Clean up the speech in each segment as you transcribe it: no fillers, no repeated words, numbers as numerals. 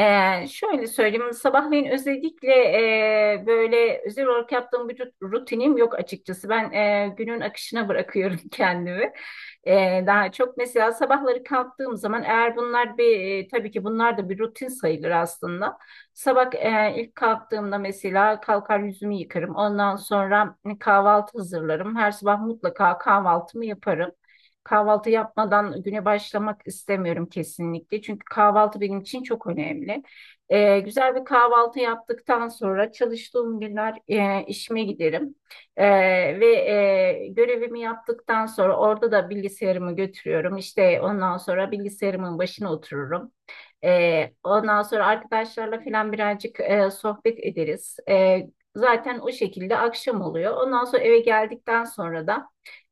Şöyle söyleyeyim, hani, sabahleyin özellikle böyle özel olarak yaptığım bir rutinim yok açıkçası. Ben günün akışına bırakıyorum kendimi. Daha çok mesela sabahları kalktığım zaman eğer bunlar bir tabii ki bunlar da bir rutin sayılır aslında. Sabah ilk kalktığımda mesela kalkar yüzümü yıkarım. Ondan sonra hani, kahvaltı hazırlarım. Her sabah mutlaka kahvaltımı yaparım. Kahvaltı yapmadan güne başlamak istemiyorum kesinlikle. Çünkü kahvaltı benim için çok önemli. Güzel bir kahvaltı yaptıktan sonra çalıştığım günler işime giderim. Ee, ve görevimi yaptıktan sonra orada da bilgisayarımı götürüyorum. İşte ondan sonra bilgisayarımın başına otururum. Ondan sonra arkadaşlarla falan birazcık sohbet ederiz. Zaten o şekilde akşam oluyor. Ondan sonra eve geldikten sonra da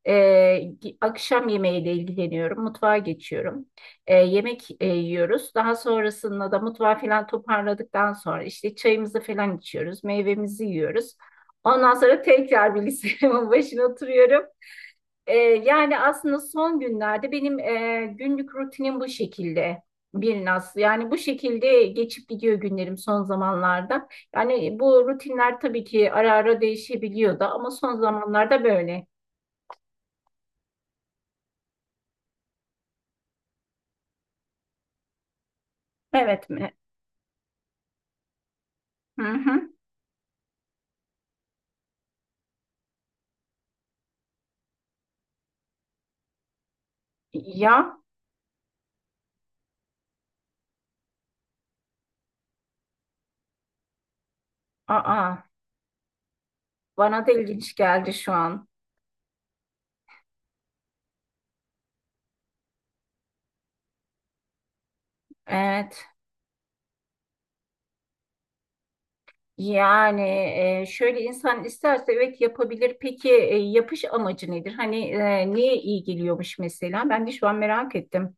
akşam yemeğiyle ilgileniyorum. Mutfağa geçiyorum. Yemek yiyoruz. Daha sonrasında da mutfağı falan toparladıktan sonra işte çayımızı falan içiyoruz. Meyvemizi yiyoruz. Ondan sonra tekrar bilgisayarımın başına oturuyorum. Yani aslında son günlerde benim günlük rutinim bu şekilde bir nasıl yani bu şekilde geçip gidiyor günlerim son zamanlarda. Yani bu rutinler tabii ki ara ara değişebiliyor da ama son zamanlarda böyle. Evet mi? Hı hı. Ya, aa, bana da ilginç geldi şu an. Evet. Yani şöyle insan isterse evet yapabilir. Peki yapış amacı nedir? Hani niye iyi geliyormuş mesela? Ben de şu an merak ettim.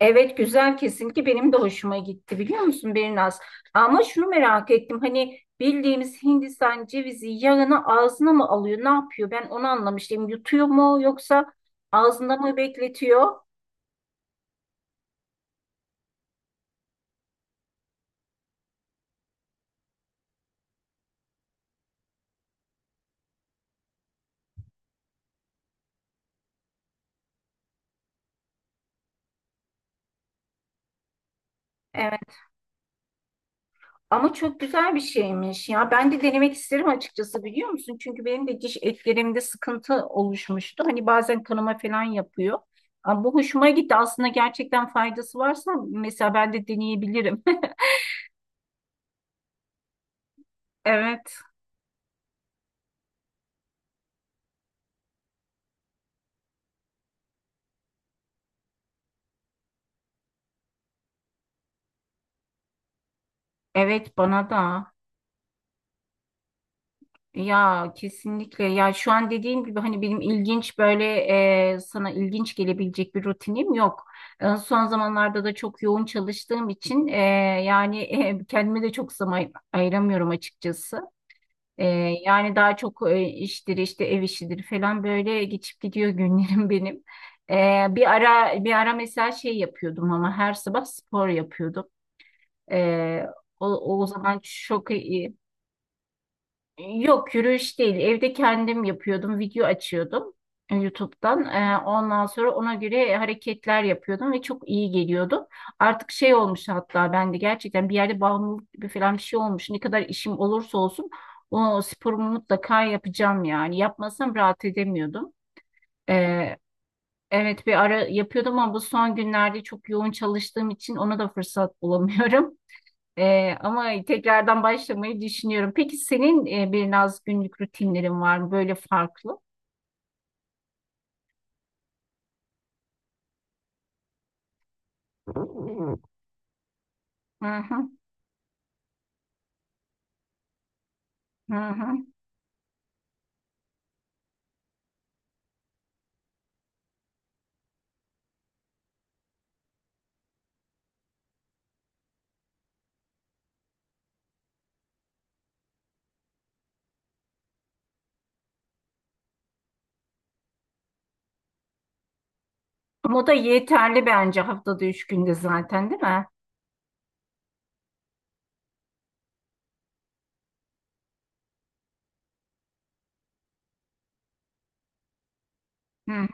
Evet güzel kesinlikle benim de hoşuma gitti biliyor musun Berinaz? Ama şunu merak ettim hani bildiğimiz Hindistan cevizi yağını ağzına mı alıyor ne yapıyor? Ben onu anlamıştım yutuyor mu yoksa ağzında mı bekletiyor? Evet ama çok güzel bir şeymiş ya ben de denemek isterim açıkçası biliyor musun? Çünkü benim de diş etlerimde sıkıntı oluşmuştu hani bazen kanama falan yapıyor. Ama bu hoşuma gitti aslında gerçekten faydası varsa mesela ben de deneyebilirim. Evet. Evet bana da. Ya kesinlikle ya şu an dediğim gibi hani benim ilginç böyle sana ilginç gelebilecek bir rutinim yok. Son zamanlarda da çok yoğun çalıştığım için yani kendime de çok zaman ayıramıyorum açıkçası. E, Yani daha çok iştir işte ev işidir falan böyle geçip gidiyor günlerim benim. Bir ara mesela şey yapıyordum ama her sabah spor yapıyordum. E, o, o zaman çok iyi. Yok yürüyüş değil. Evde kendim yapıyordum. Video açıyordum YouTube'dan. Ondan sonra ona göre hareketler yapıyordum ve çok iyi geliyordu. Artık şey olmuş hatta ben de gerçekten bir yerde bağımlılık gibi falan bir şey olmuş. Ne kadar işim olursa olsun o sporumu mutlaka yapacağım yani. Yapmasam rahat edemiyordum. E, evet bir ara yapıyordum ama bu son günlerde çok yoğun çalıştığım için ona da fırsat bulamıyorum. Ama tekrardan başlamayı düşünüyorum. Peki senin bir naz günlük rutinlerin var mı böyle farklı? Hı hı, hı hı. Ama o da yeterli bence haftada üç günde zaten değil mi? Hı,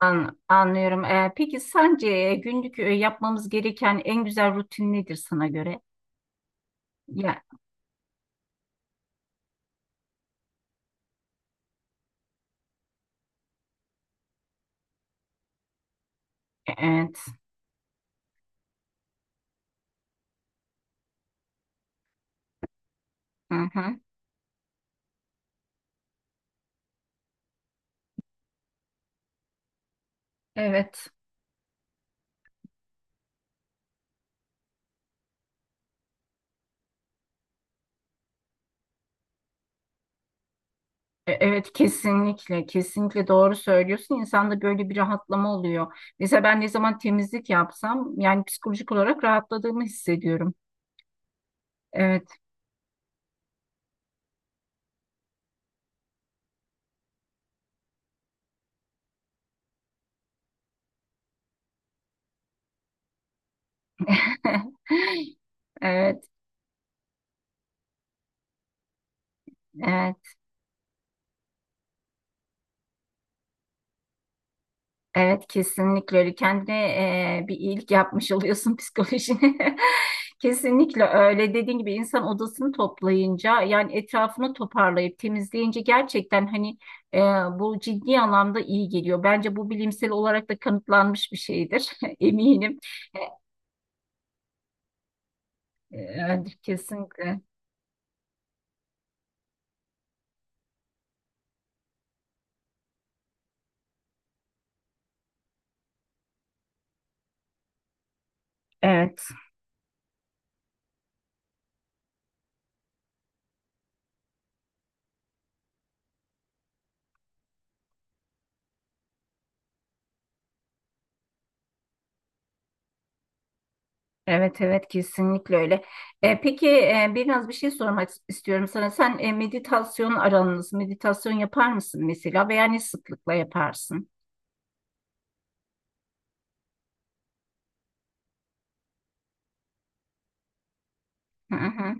anlıyorum. Peki sence günlük yapmamız gereken en güzel rutin nedir sana göre? Ya, evet. Hı hı. Evet. Evet kesinlikle kesinlikle doğru söylüyorsun. İnsanda böyle bir rahatlama oluyor. Mesela ben ne zaman temizlik yapsam yani psikolojik olarak rahatladığımı hissediyorum. Evet. Evet, evet, evet kesinlikle öyle. Kendine bir iyilik yapmış oluyorsun psikolojine. Kesinlikle öyle. Dediğin gibi insan odasını toplayınca yani etrafını toparlayıp temizleyince gerçekten hani e, bu ciddi anlamda iyi geliyor. Bence bu bilimsel olarak da kanıtlanmış bir şeydir. Eminim. Evet, kesinlikle. Evet. Evet evet kesinlikle öyle. Peki biraz bir şey sormak istiyorum sana. Sen meditasyon yapar mısın mesela veya ne sıklıkla yaparsın? Hı hı.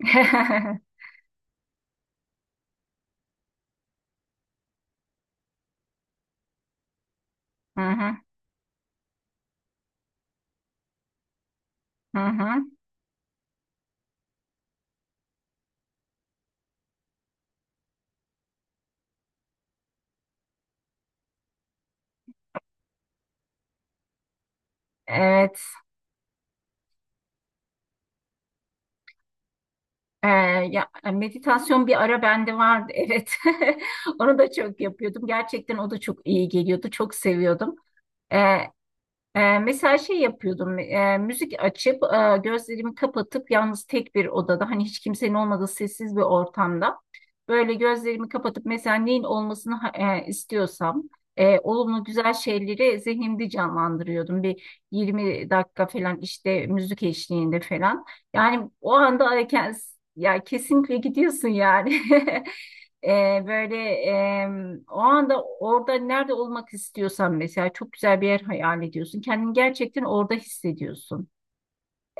Hı hı, hı hı. Evet. E, Ya meditasyon bir ara bende vardı. Evet. Onu da çok yapıyordum. Gerçekten o da çok iyi geliyordu. Çok seviyordum. Ee, Mesela şey yapıyordum, müzik açıp gözlerimi kapatıp yalnız tek bir odada, hani hiç kimsenin olmadığı sessiz bir ortamda böyle gözlerimi kapatıp mesela neyin olmasını istiyorsam olumlu güzel şeyleri zihnimde canlandırıyordum. Bir 20 dakika falan işte müzik eşliğinde falan. Yani o anda ya, ya kesinlikle gidiyorsun yani. Böyle o anda orada nerede olmak istiyorsan mesela çok güzel bir yer hayal ediyorsun. Kendini gerçekten orada hissediyorsun.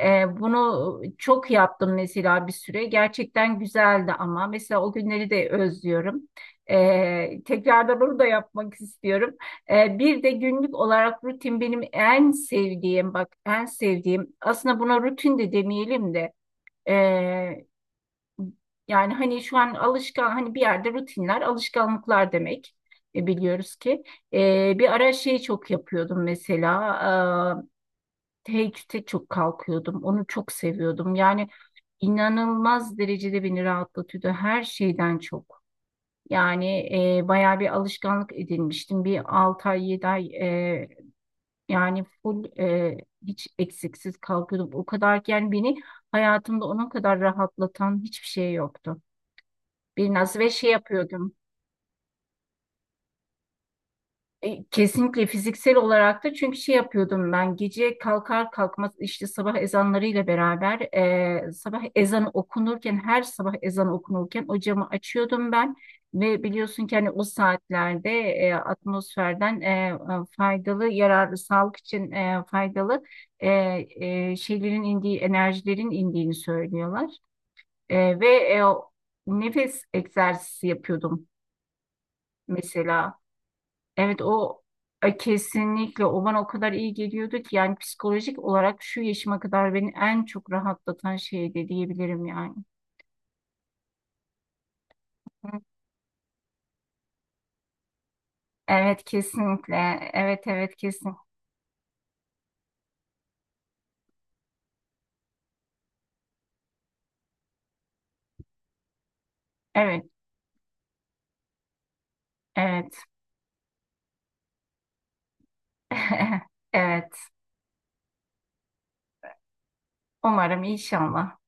Bunu çok yaptım mesela bir süre. Gerçekten güzeldi ama mesela o günleri de özlüyorum. Tekrardan onu da yapmak istiyorum. Bir de günlük olarak rutin benim en sevdiğim bak en sevdiğim aslında buna rutin de demeyelim de yani hani şu an alışkan hani bir yerde rutinler alışkanlıklar demek. Biliyoruz ki. Bir ara şey çok yapıyordum mesela teheccüde çok kalkıyordum onu çok seviyordum yani inanılmaz derecede beni rahatlatıyordu her şeyden çok. Yani bayağı bir alışkanlık edinmiştim bir 6 ay 7 ay yani full hiç eksiksiz kalkıyordum o kadar ki yani beni hayatımda onun kadar rahatlatan hiçbir şey yoktu. Biraz ve şey yapıyordum. Kesinlikle fiziksel olarak da çünkü şey yapıyordum ben gece kalkar kalkmaz işte sabah ezanlarıyla beraber sabah ezanı okunurken her sabah ezanı okunurken o camı açıyordum ben ve biliyorsun ki hani o saatlerde atmosferden faydalı yararlı sağlık için faydalı e, şeylerin indiği enerjilerin indiğini söylüyorlar. Ve nefes egzersizi yapıyordum mesela. Evet o kesinlikle o bana o kadar iyi geliyordu ki yani psikolojik olarak şu yaşıma kadar beni en çok rahatlatan şeydi diyebilirim yani. Hı. Evet kesinlikle. Evet evet kesin. Evet evet. Evet. Umarım inşallah.